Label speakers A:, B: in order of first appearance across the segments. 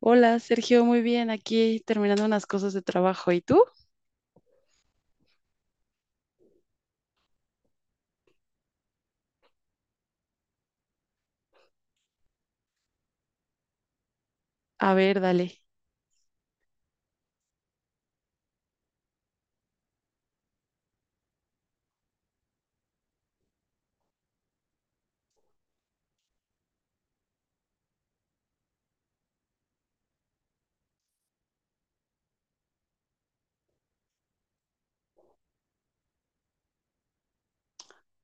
A: Hola, Sergio, muy bien. Aquí terminando unas cosas de trabajo. ¿Y tú? A ver, dale,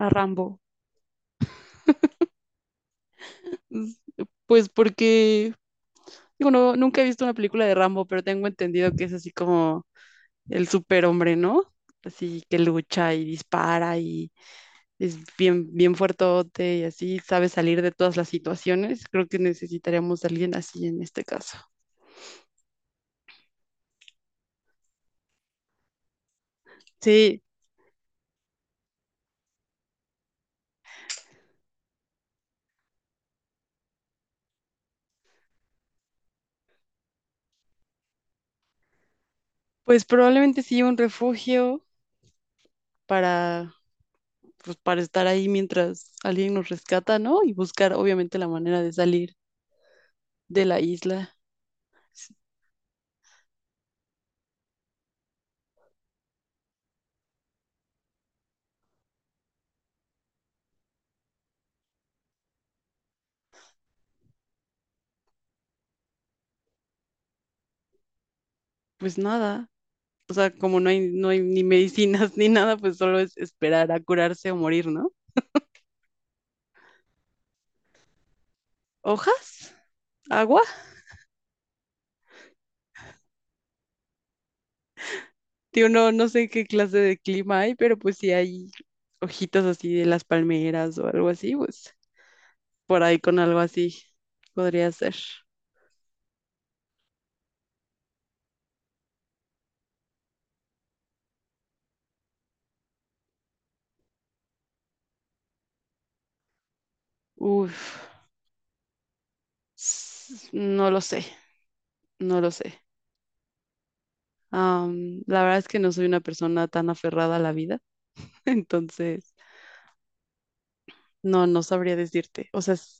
A: a Rambo. Mm, Pues porque, digo, no, nunca he visto una película de Rambo, pero tengo entendido que es así como el superhombre, ¿no? Así que lucha y dispara y es bien, bien fuertote y así sabe salir de todas las situaciones. Creo que necesitaríamos a alguien así en este caso. Sí, pues probablemente sí un refugio para para estar ahí mientras alguien nos rescata, ¿no? Y buscar obviamente la manera de salir de la isla. S- Pues nada, o sea, como no hay ni medicinas ni nada, pues solo es esperar a curarse o morir, ¿no? ¿Hojas? ¿Agua? Tío, no, no sé qué clase de clima hay, pero pues si hay hojitas así de las palmeras o algo así, pues por ahí con algo así podría ser. Uf, no lo sé, no lo sé. La verdad es que no soy una persona tan aferrada a la vida, entonces no, no sabría decirte. O sea,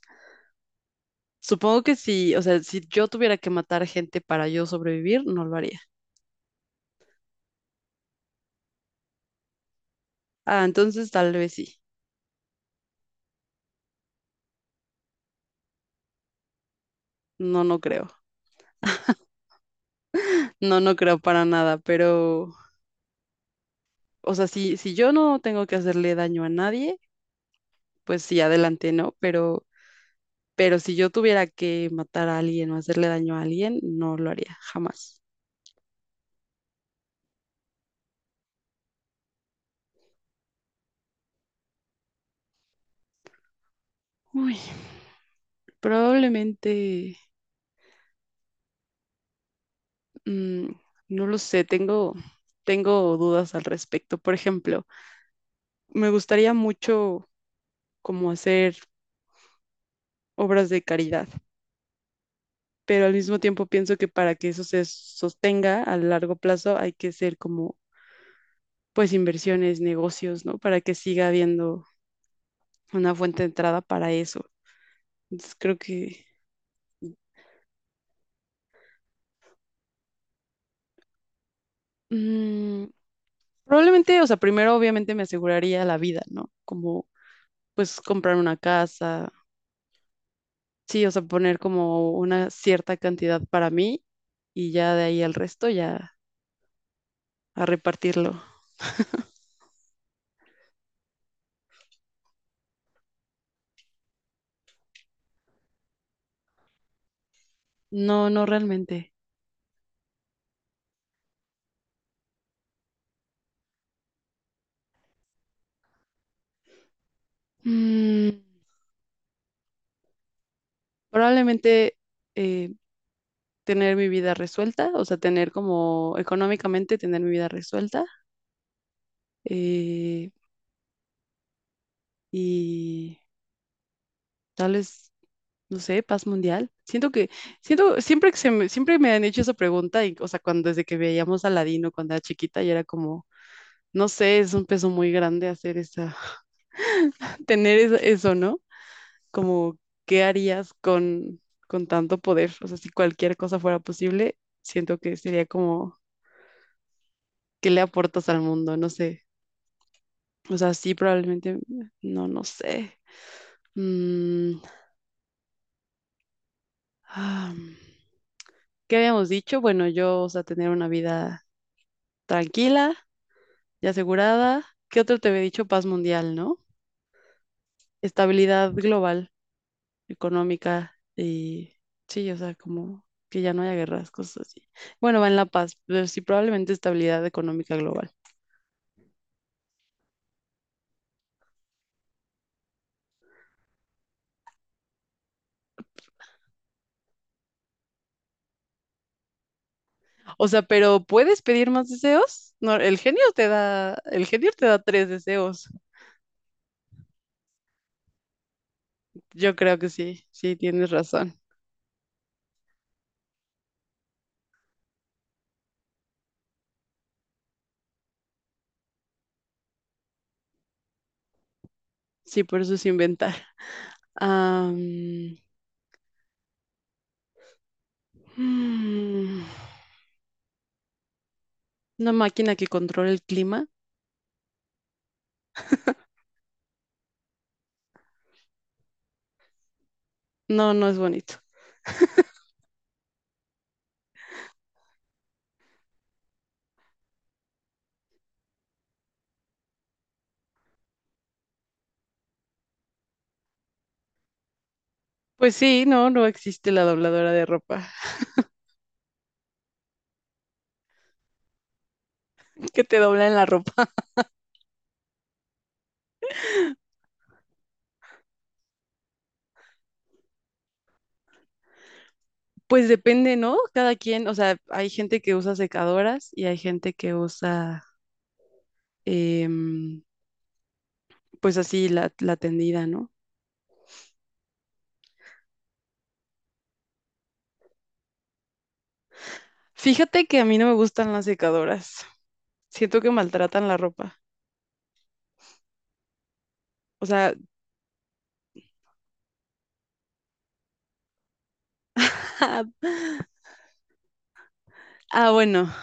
A: supongo que si, o sea, si yo tuviera que matar gente para yo sobrevivir, no lo haría. Ah, entonces tal vez sí. No, no creo. No, no creo para nada, pero, o sea, si yo no tengo que hacerle daño a nadie, pues sí, adelante, ¿no? Pero si yo tuviera que matar a alguien o hacerle daño a alguien, no lo haría, jamás. Uy, probablemente. Mm, no lo sé, tengo dudas al respecto. Por ejemplo, me gustaría mucho como hacer obras de caridad, pero al mismo tiempo pienso que para que eso se sostenga a largo plazo hay que hacer como pues inversiones, negocios, ¿no? Para que siga habiendo una fuente de entrada para eso. Entonces creo que mm, probablemente, o sea, primero obviamente me aseguraría la vida, ¿no? Como pues comprar una casa. Sí, o sea, poner como una cierta cantidad para mí y ya de ahí al resto ya a repartirlo. No, no realmente. Mm, probablemente eh, tener mi vida resuelta, o sea, tener como económicamente tener mi vida resuelta eh, y tal vez, no sé, paz mundial. Siento, siempre me han hecho esa pregunta y, o sea, cuando desde que veíamos a Aladino cuando era chiquita y era como, no sé, es un peso muy grande hacer eso tener eso, eso, ¿no? Como, ¿qué harías con tanto poder? O sea, si cualquier cosa fuera posible, siento que sería como, ¿qué le aportas al mundo? No sé. O sea, sí, probablemente, no, no sé. Mm, ah, ¿qué habíamos dicho? Bueno, yo, o sea, tener una vida tranquila y asegurada. ¿Qué otro te había dicho? Paz mundial, ¿no? Estabilidad global económica y sí, o sea, como que ya no haya guerras, cosas así. Bueno, va en la paz, pero sí probablemente estabilidad económica global. O sea, pero ¿puedes pedir más deseos? No, el genio te da, el genio te da tres deseos. Yo creo que sí, sí, tienes razón. Sí, por eso es inventar. Am, mm, una máquina que controle el clima. No, no es bonito. Pues sí, no, no existe la dobladora de ropa que te dobla en la ropa. Pues depende, ¿no? Cada quien, o sea, hay gente que usa secadoras y hay gente que usa, em, pues así, la tendida, ¿no? Fíjate que a mí no me gustan las secadoras. Siento que maltratan la ropa. O sea, ah, bueno,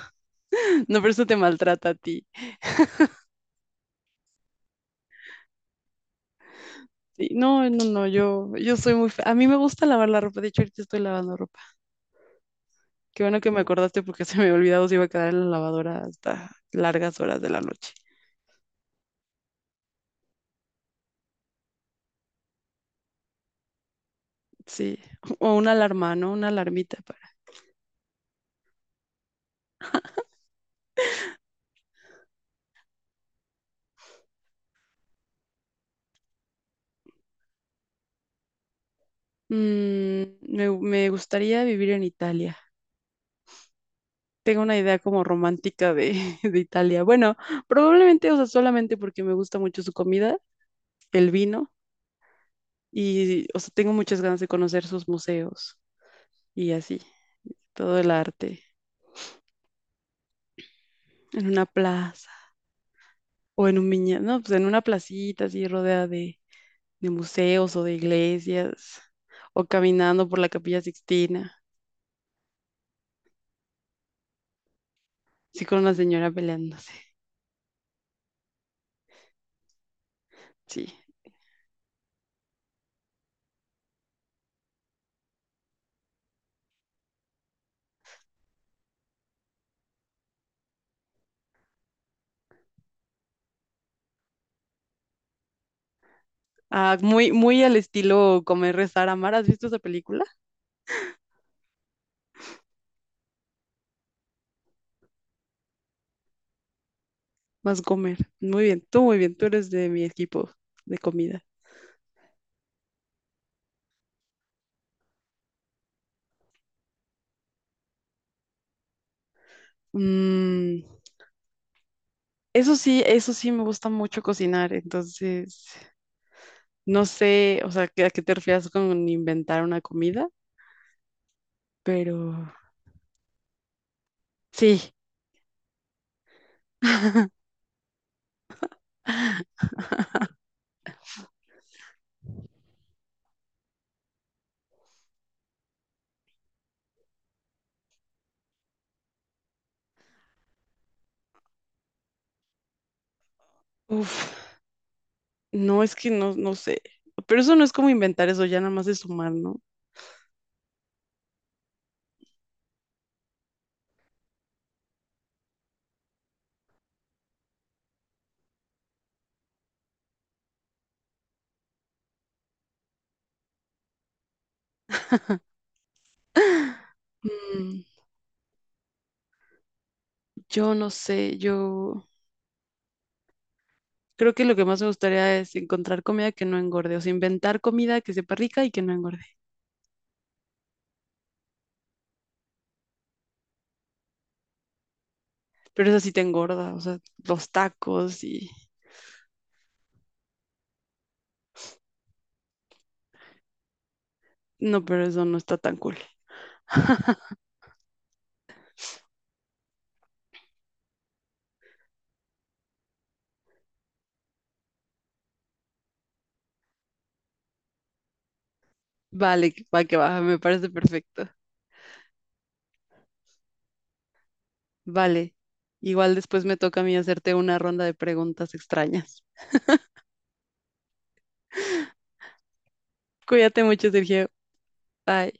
A: no, pero eso te maltrata a ti. Sí, no, no, no, yo soy muy... A mí me gusta lavar la ropa. De hecho, ahorita estoy lavando ropa. Qué bueno que me acordaste porque se me había olvidado si iba a quedar en la lavadora hasta largas horas de la noche. Sí, o una alarma, ¿no? Una alarmita. Me gustaría vivir en Italia. Tengo una idea como romántica de, de Italia. Bueno, probablemente, o sea, solamente porque me gusta mucho su comida, el vino, y, o sea, tengo muchas ganas de conocer sus museos y así, todo el arte, en una plaza o en un viñedo, no, pues en una placita así rodeada de museos o de iglesias, o caminando por la Capilla Sixtina, así con una señora peleándose. Sí. Ah, muy, muy al estilo Comer, Rezar, Amar. ¿Has visto esa película? Más Comer. Muy bien, tú eres de mi equipo de comida. Mm, eso sí, eso sí me gusta mucho cocinar, entonces no sé, o sea, a qué te refieres con inventar una comida, pero sí, uf, no es que no, no sé, pero eso no es como inventar eso, ya nada más es sumar, ¿no? Mm, yo no sé, yo... Creo que lo que más me gustaría es encontrar comida que no engorde, o sea, inventar comida que sepa rica y que no engorde. Pero eso sí te engorda, o sea, los tacos y... No, pero eso no está tan cool. Vale, va que va, me parece perfecto. Vale, igual después me toca a mí hacerte una ronda de preguntas extrañas. Cuídate mucho, Sergio. Bye.